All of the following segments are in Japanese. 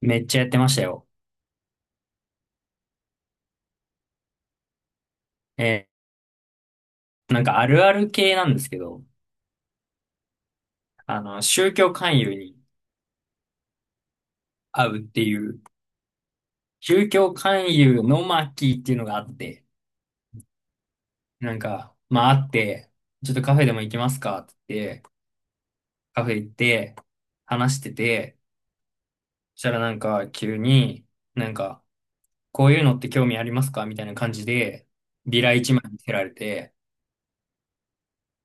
めっちゃやってましたよ。えなんかあるある系なんですけど、あの、宗教勧誘に会うっていう、宗教勧誘の巻っていうのがあって、なんか、まああって、ちょっとカフェでも行きますかって言って、カフェ行って、話してて、そしたらなんか急に、なんか、こういうのって興味ありますかみたいな感じで、ビラ一枚見せられて、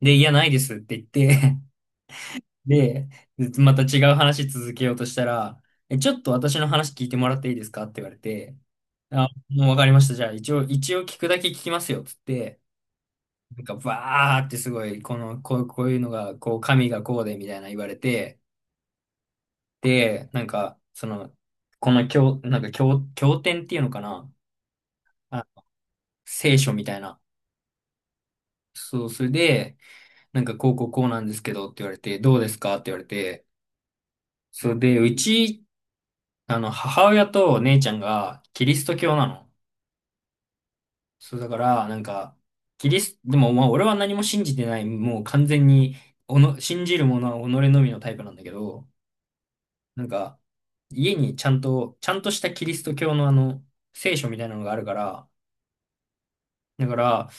で、いや、ないですって言って、で、また違う話続けようとしたら、え、ちょっと私の話聞いてもらっていいですかって言われて、あ、もうわかりました。じゃあ一応聞くだけ聞きますよ。つって、なんかバーってすごい、こういうのが、こう、神がこうで、みたいな言われて、で、なんか、その、この経、なんか経、経典っていうのかなあ、聖書みたいな。そう、それで、なんかこうこうこうなんですけどって言われて、どうですかって言われて、それで、うちあの、母親と姉ちゃんがキリスト教なの。そう、だから、なんか、キリス、でも、まあ、俺は何も信じてない、もう完全に、信じるものは己のみのタイプなんだけど、なんか、家にちゃんとしたキリスト教のあの、聖書みたいなのがあるから、だから、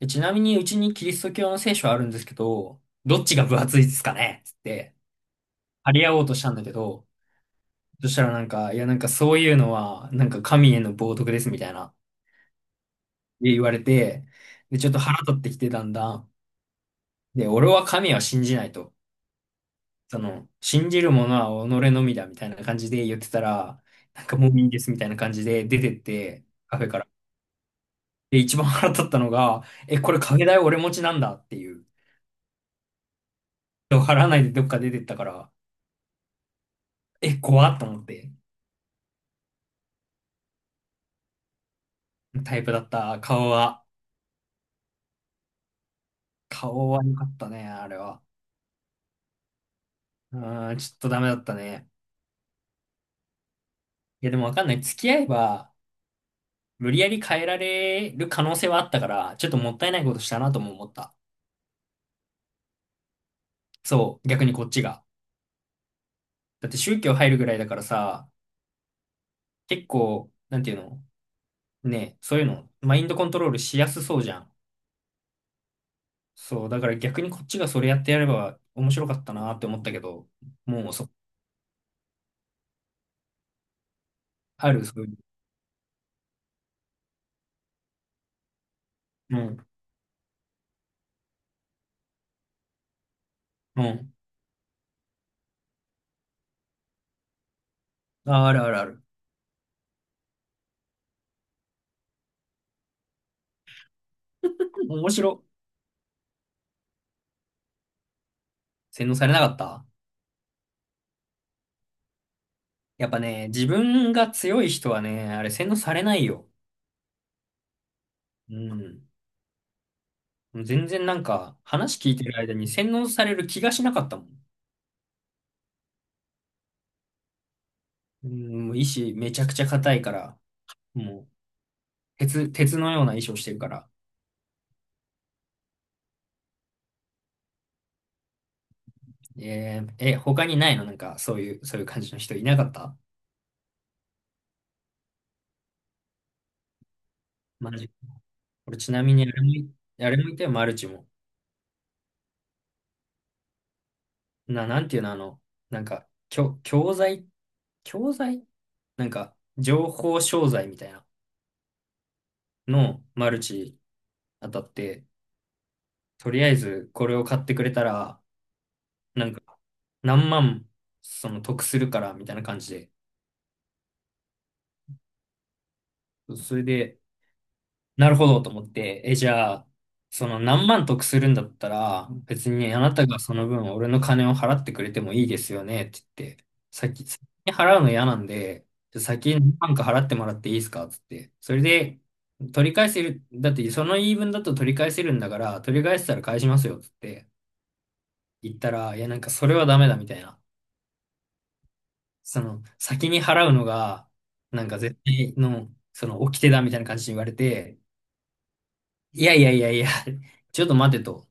えちなみにうちにキリスト教の聖書あるんですけど、どっちが分厚いですかねつって、張り合おうとしたんだけど、そしたらなんか、いやなんかそういうのは、なんか神への冒涜ですみたいな。で言われて、で、ちょっと腹立ってきてだんだん。で、俺は神は信じないと。その、信じるものは己のみだみたいな感じで言ってたら、なんかもういいですみたいな感じで出てって、カフェから。で、一番腹立ったのが、え、これカフェ代俺持ちなんだっていう。払わないでどっか出てったから、え、怖っと思って。タイプだった。顔は。顔は良かったね、あれは。うーん、ちょっとダメだったね。いや、でもわかんない。付き合えば、無理やり変えられる可能性はあったから、ちょっともったいないことしたなとも思った。そう、逆にこっちが。だって宗教入るぐらいだからさ、結構、なんていうのね、そういうの、マインドコントロールしやすそうじゃん。そう、だから逆にこっちがそれやってやれば面白かったなって思ったけど、もうそ、ある、そういう。うん、うん。あ、あるあるある。面白。洗脳されなかったやっぱね、自分が強い人はね、あれ洗脳されないよ。うん。もう全然なんか話聞いてる間に洗脳される気がしなかったもん。うん、もう意志めちゃくちゃ硬いから、もう鉄のような意志をしてるから。え、他にないのなんかそういう、そういう感じの人いなかったマジ。俺ちなみにあれもいたよ、マルチも。なんていうの、あの、なんか、教材なんか、情報商材みたいなの、マルチ当たって、とりあえずこれを買ってくれたら、なんか、何万、その得するから、みたいな感じで。それで、なるほどと思って、え、じゃあ、その何万得するんだったら、別にあなたがその分俺の金を払ってくれてもいいですよね、って言って、先に払うの嫌なんで、じゃあ先に何万か払ってもらっていいですか、って言って。それで、取り返せる、だってその言い分だと取り返せるんだから、取り返せたら返しますよ、って言って言ったら、いや、なんかそれはダメだ、みたいな。その、先に払うのが、なんか絶対の、その、掟だみたいな感じに言われて、いやいやいやいや、ちょっと待てと、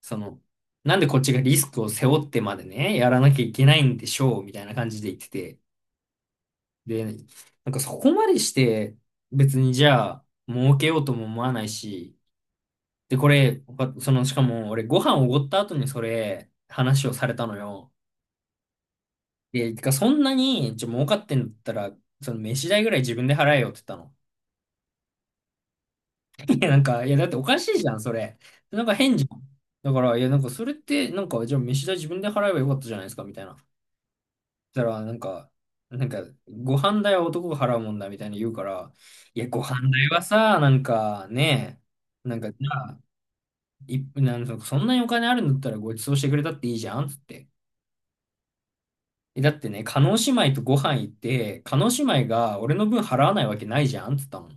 その、なんでこっちがリスクを背負ってまでね、やらなきゃいけないんでしょう、みたいな感じで言ってて。で、なんかそこまでして、別にじゃあ、儲けようとも思わないし、で、これ、わその、しかも俺ご飯おごった後にそれ、話をされたのよ。で、てかそんなに、じゃ儲かってんだったら、その飯代ぐらい自分で払えよって言ったの。いや、なんか、いや、だっておかしいじゃん、それ。なんか変じゃん。だから、いや、なんか、それって、なんか、じゃあ、飯代自分で払えばよかったじゃないですか、みたいな。そしたら、なんか、なんか、ご飯代は男が払うもんだ、みたいに言うから、いや、ご飯代はさ、なんか、ねえ、なんか、じゃあ、なんか、そんなにお金あるんだったらご馳走してくれたっていいじゃん、つって。え、だってね、叶姉妹とご飯行って、叶姉妹が俺の分払わないわけないじゃん、つったの。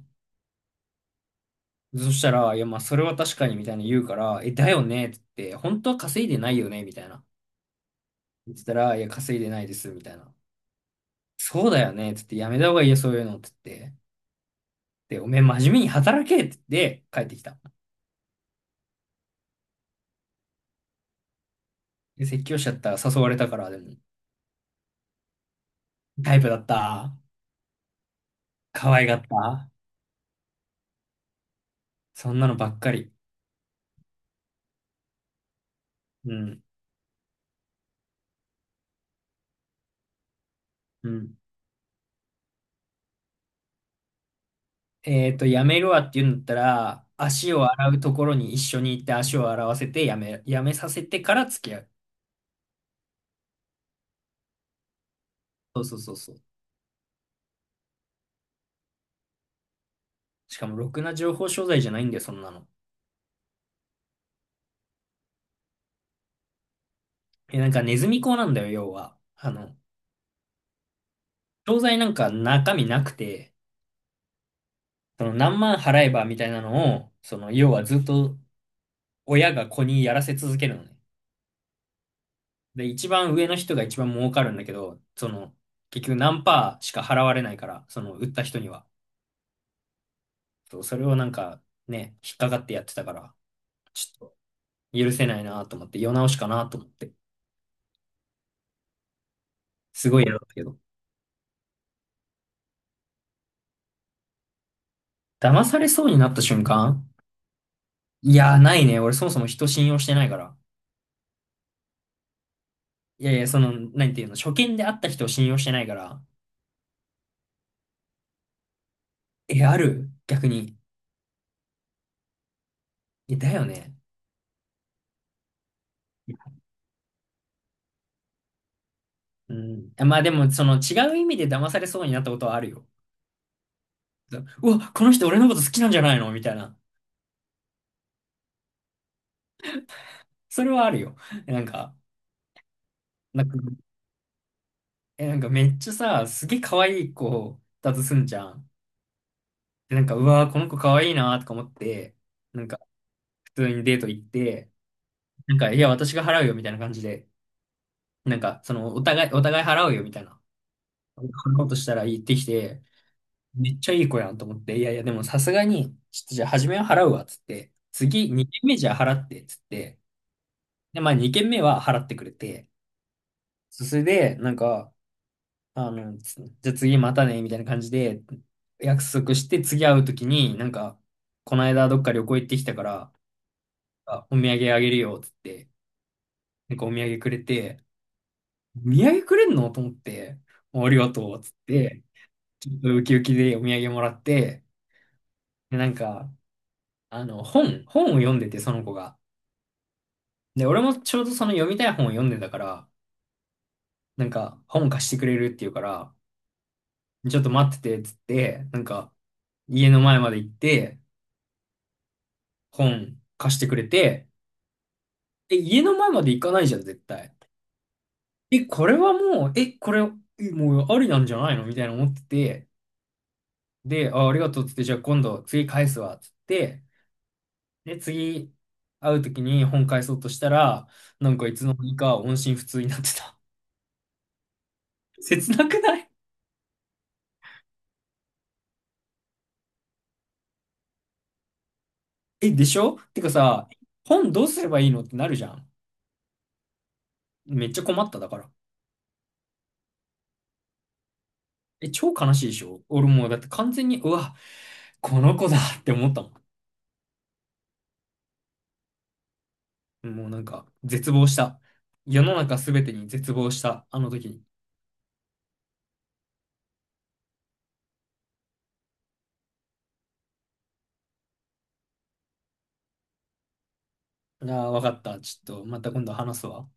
そしたら、いや、まあ、それは確かに、みたいな言うから、え、だよねって言って、本当は稼いでないよねみたいな。言ってたら、いや、稼いでないです、みたいな。そうだよねって言って、やめた方がいいよ、そういうのって言って。で、おめえ真面目に働けって言って、帰ってきた。で、説教しちゃったら誘われたから、でも、タイプだった。可愛がった。そんなのばっかり。うん。うん。えっと、やめるわって言うんだったら、足を洗うところに一緒に行って足を洗わせて、やめさせてから付き合う。そうそうそうそう。しかも、ろくな情報商材じゃないんだよ、そんなの。え、なんかネズミ講なんだよ、要は。あの、商材なんか中身なくて、その何万払えばみたいなのを、その、要はずっと親が子にやらせ続けるのね。で、一番上の人が一番儲かるんだけど、その、結局何パーしか払われないから、その、売った人には。そう、それをなんか、ね、引っかかってやってたから、ちょっと許せないなと思って、世直しかなと思って。すごい嫌だったけど。騙されそうになった瞬間、いやー、ないね。俺そもそも人信用してないから。いやいや、その、なんていうの、初見で会った人を信用してないから。え、ある逆に。え、だよね。うん。まあでも、その違う意味で騙されそうになったことはあるよ。うわ、この人俺のこと好きなんじゃないのみたいな。それはあるよ。えなんか、なんか、え、なんかめっちゃさ、すげえ可愛い子だとすんじゃん。で、なんか、うわ、この子可愛いなとか思って、なんか、普通にデート行って、なんか、いや、私が払うよみたいな感じで。なんか、その、お互い払うよみたいな、こんなことしたら言ってきて、めっちゃいい子やんと思って、いやいや、でもさすがに、ちょっとじゃあ初めは払うわ、つって、次、2軒目じゃあ払って、つって、で、まあ2軒目は払ってくれて、そそれで、なんか、あの、じゃあ次またね、みたいな感じで、約束して、次会うときに、なんか、この間どっか旅行行ってきたから、あ、お土産あげるよ、つって、なんかお土産くれて、お土産くれんのと思って、ありがとう、つって、ちょっとウキウキでお土産もらって、で、なんか、あの、本を読んでて、その子が。で、俺もちょうどその読みたい本を読んでたから、なんか、本貸してくれるっていうから、ちょっと待ってて、つって、なんか、家の前まで行って、本貸してくれて、え、家の前まで行かないじゃん、絶対。え、これはもう、え、これ、えもうありなんじゃないのみたいな思ってて、で、あ、ありがとうっつって、じゃあ今度、次返すわ、っつって、で、次会うときに本返そうとしたら、なんかいつの間にか音信不通になってた。切なくないえ、でしょてかさ、本どうすればいいのってなるじゃん。めっちゃ困っただから。え、超悲しいでしょ俺もうだって完全に、うわ、この子だって思ったもん。もうなんか、絶望した。世の中すべてに絶望した、あの時に。ああ、わかった。ちょっと、また今度話すわ。